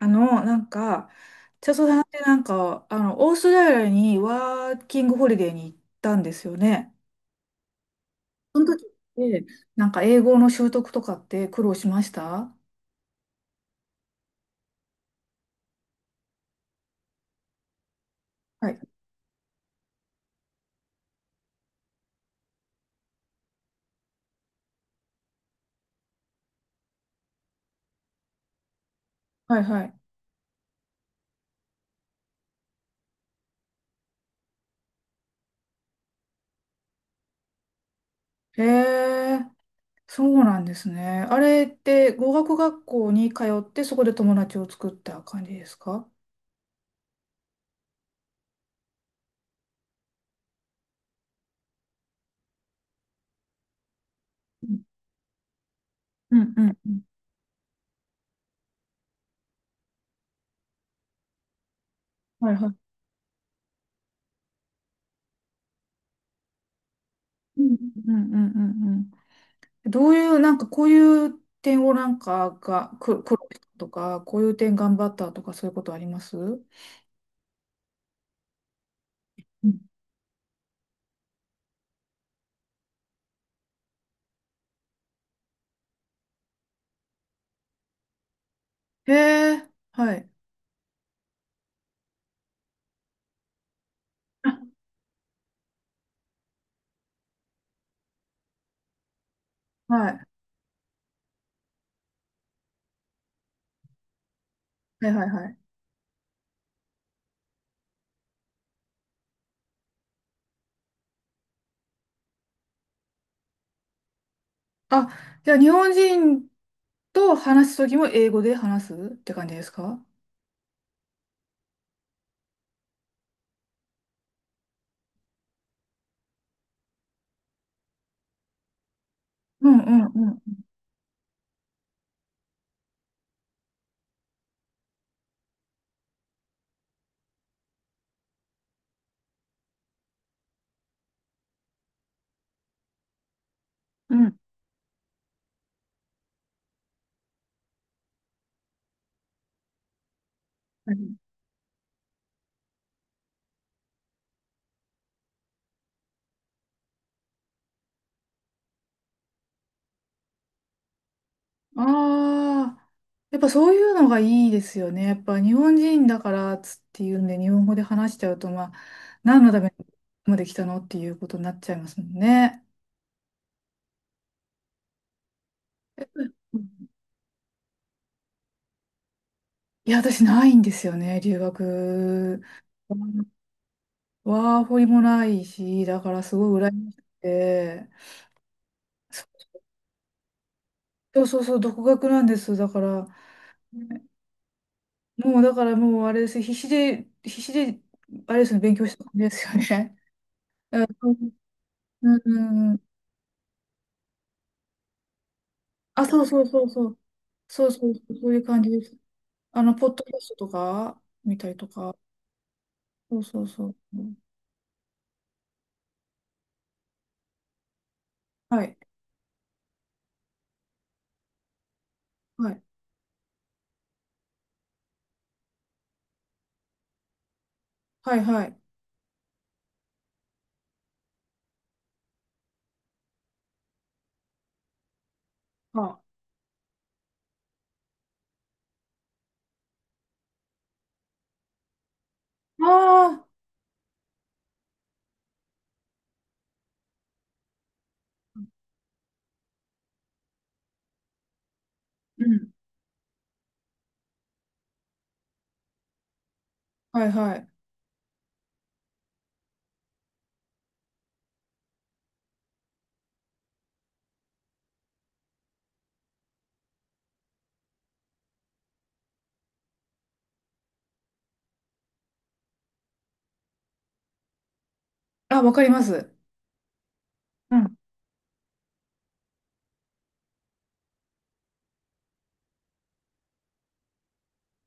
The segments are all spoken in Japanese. あの、なんか、チャソさんってオーストラリアにワーキングホリデーに行ったんですよね。その時って、英語の習得とかって苦労しました？はい。はいはい。へえ、そうなんですね。あれって語学学校に通って、そこで友達を作った感じですか？うんうんうんうん。はいはい。うんうんうんうんうん。どういう、こういう点をなんかがく苦労したとか、こういう点頑張ったとかそういうことあります？うん。へえ、はい。あ、はい。はいはいはい。あ、じゃあ日本人と話すときも英語で話すって感じですか？うんうんうん。うん。ああ、やっぱそういうのがいいですよね。やっぱ日本人だからっつっていうんで、日本語で話しちゃうと、まあ、何のためまで来たのっていうことになっちゃいますもんね。いや、私ないんですよね、留学。ワーホリもないし、だからすごい羨ましくて。そうそうそう、独学なんです。だから、もうだからもうあれです。必死で、必死で、あれですね、勉強したんですよね。うん、うん、うん。あ、そうそうそうそう。そうそうそう、そういう感じです。あの、ポッドキャストとか、見たりとか。そうそうそう。はい、はい、はい、はい。あ、ああ、うん、はい、はい。あ、わかります。うん。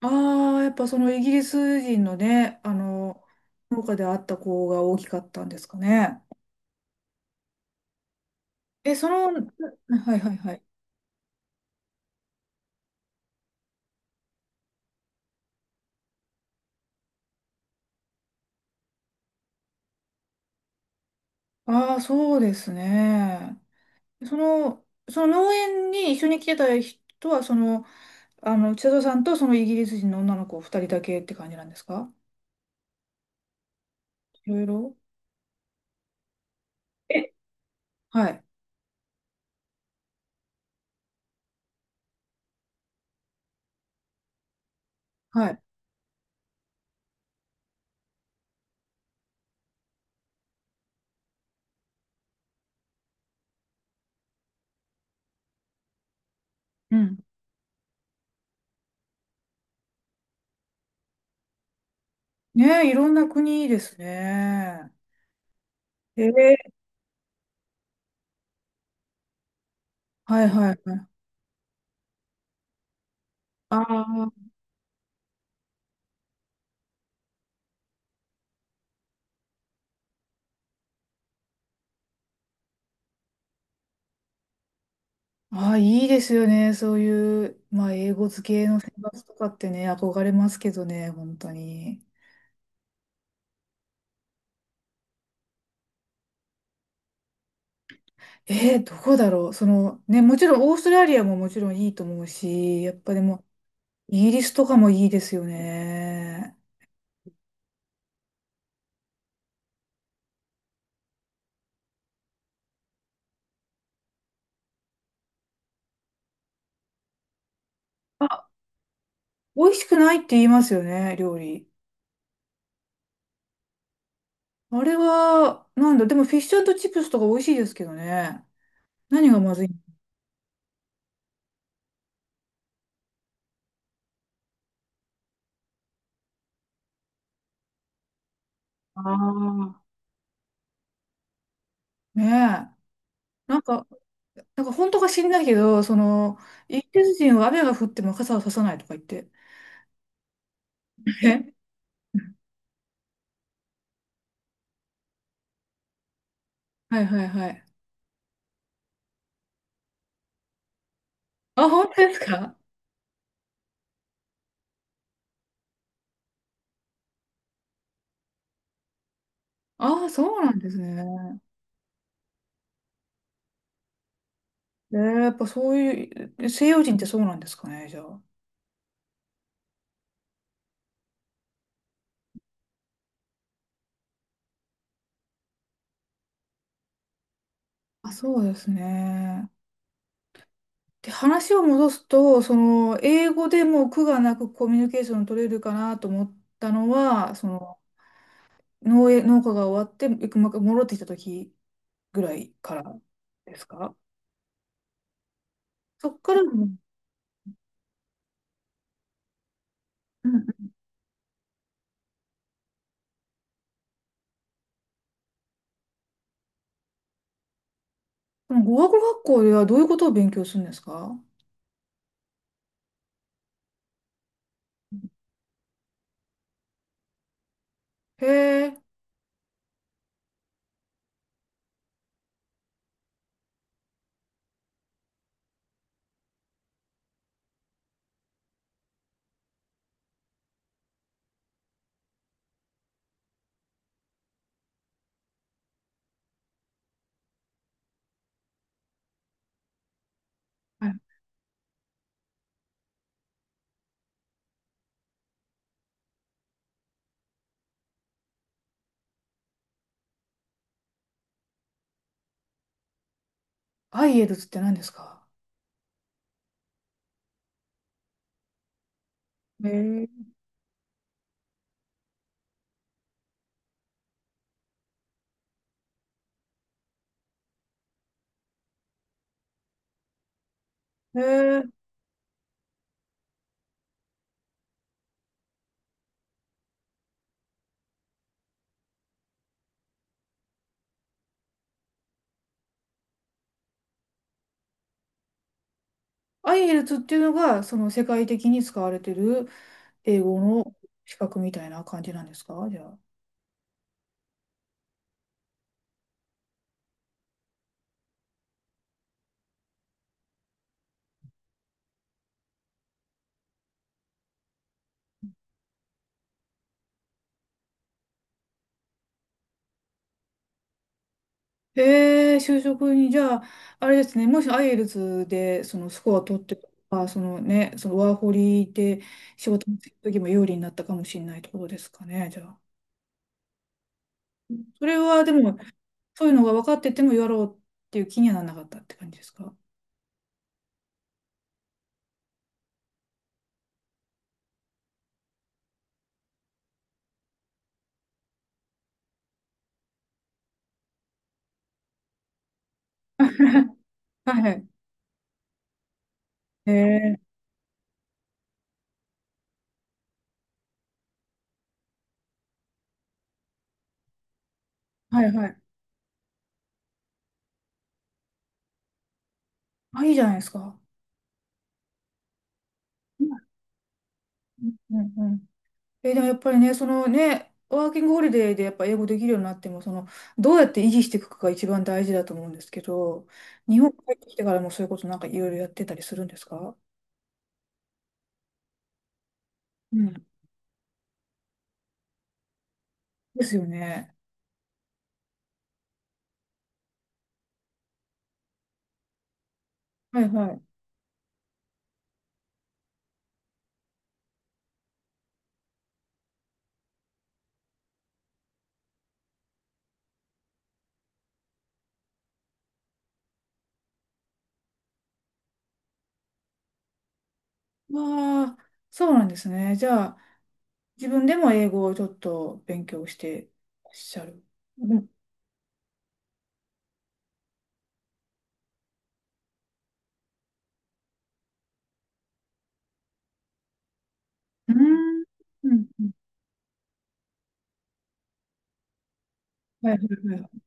ああ、やっぱそのイギリス人のね、農家であった子が大きかったんですかね。え、その、はいはいはい。ああ、そうですね。その、その農園に一緒に来てた人は、その、あの、千里さんとそのイギリス人の女の子二人だけって感じなんですか？いろいろ。え、はい、はい。うん。ねえ、いろんな国ですね。えー、はいはいはい。ああ、ああ、いいですよね。そういう、まあ、英語付けの生活とかってね、憧れますけどね、本当に。どこだろう。その、ね、もちろんオーストラリアももちろんいいと思うし、やっぱでも、イギリスとかもいいですよね。あ、美味しくないって言いますよね、料理。あれは、なんだ、でもフィッシュチップスとか美味しいですけどね。何がまずいの？ああー。ねえ。なんか、なんか本当か知んないけど、その、イギリス人は雨が降っても傘を差さないとか言って。え、はいはいはい。あ、本当ですか？ああ、そうなんですね。やっぱそういう、西洋人ってそうなんですかね、じゃあ。あ、そうですね。で、話を戻すと、その、英語でもう苦がなくコミュニケーション取れるかなと思ったのは、その、農園、農家が終わって、ま戻ってきた時ぐらいからですか？そっからも、うん。その語学学校ではどういうことを勉強するんですか？へえ。はい。アイエルツって何ですか？へえ。へえ、IELTS っていうのが、その世界的に使われてる英語の資格みたいな感じなんですか、じゃあ？へえ、就職に、じゃあ、あれですね、もし IELTS でそのスコア取ってとか、そのね、そのワーホリで仕事の時も有利になったかもしれないってことですかね、じゃあ。それはでも、そういうのが分かっててもやろうっていう気にはならなかったって感じですか？はいはい。へえ、はいはい。あ、いいじゃないですか。うんうんうん。でもやっぱりね、そのね、ワーキングホリデーでやっぱ英語できるようになっても、その、どうやって維持していくかが一番大事だと思うんですけど、日本帰ってきてからもそういうことなんかいろいろやってたりするんですか？うん。ですよね。はいはい。わあ、そうなんですね。じゃあ、自分でも英語をちょっと勉強してらっしゃる。うん、うーん。うんうん。はいはい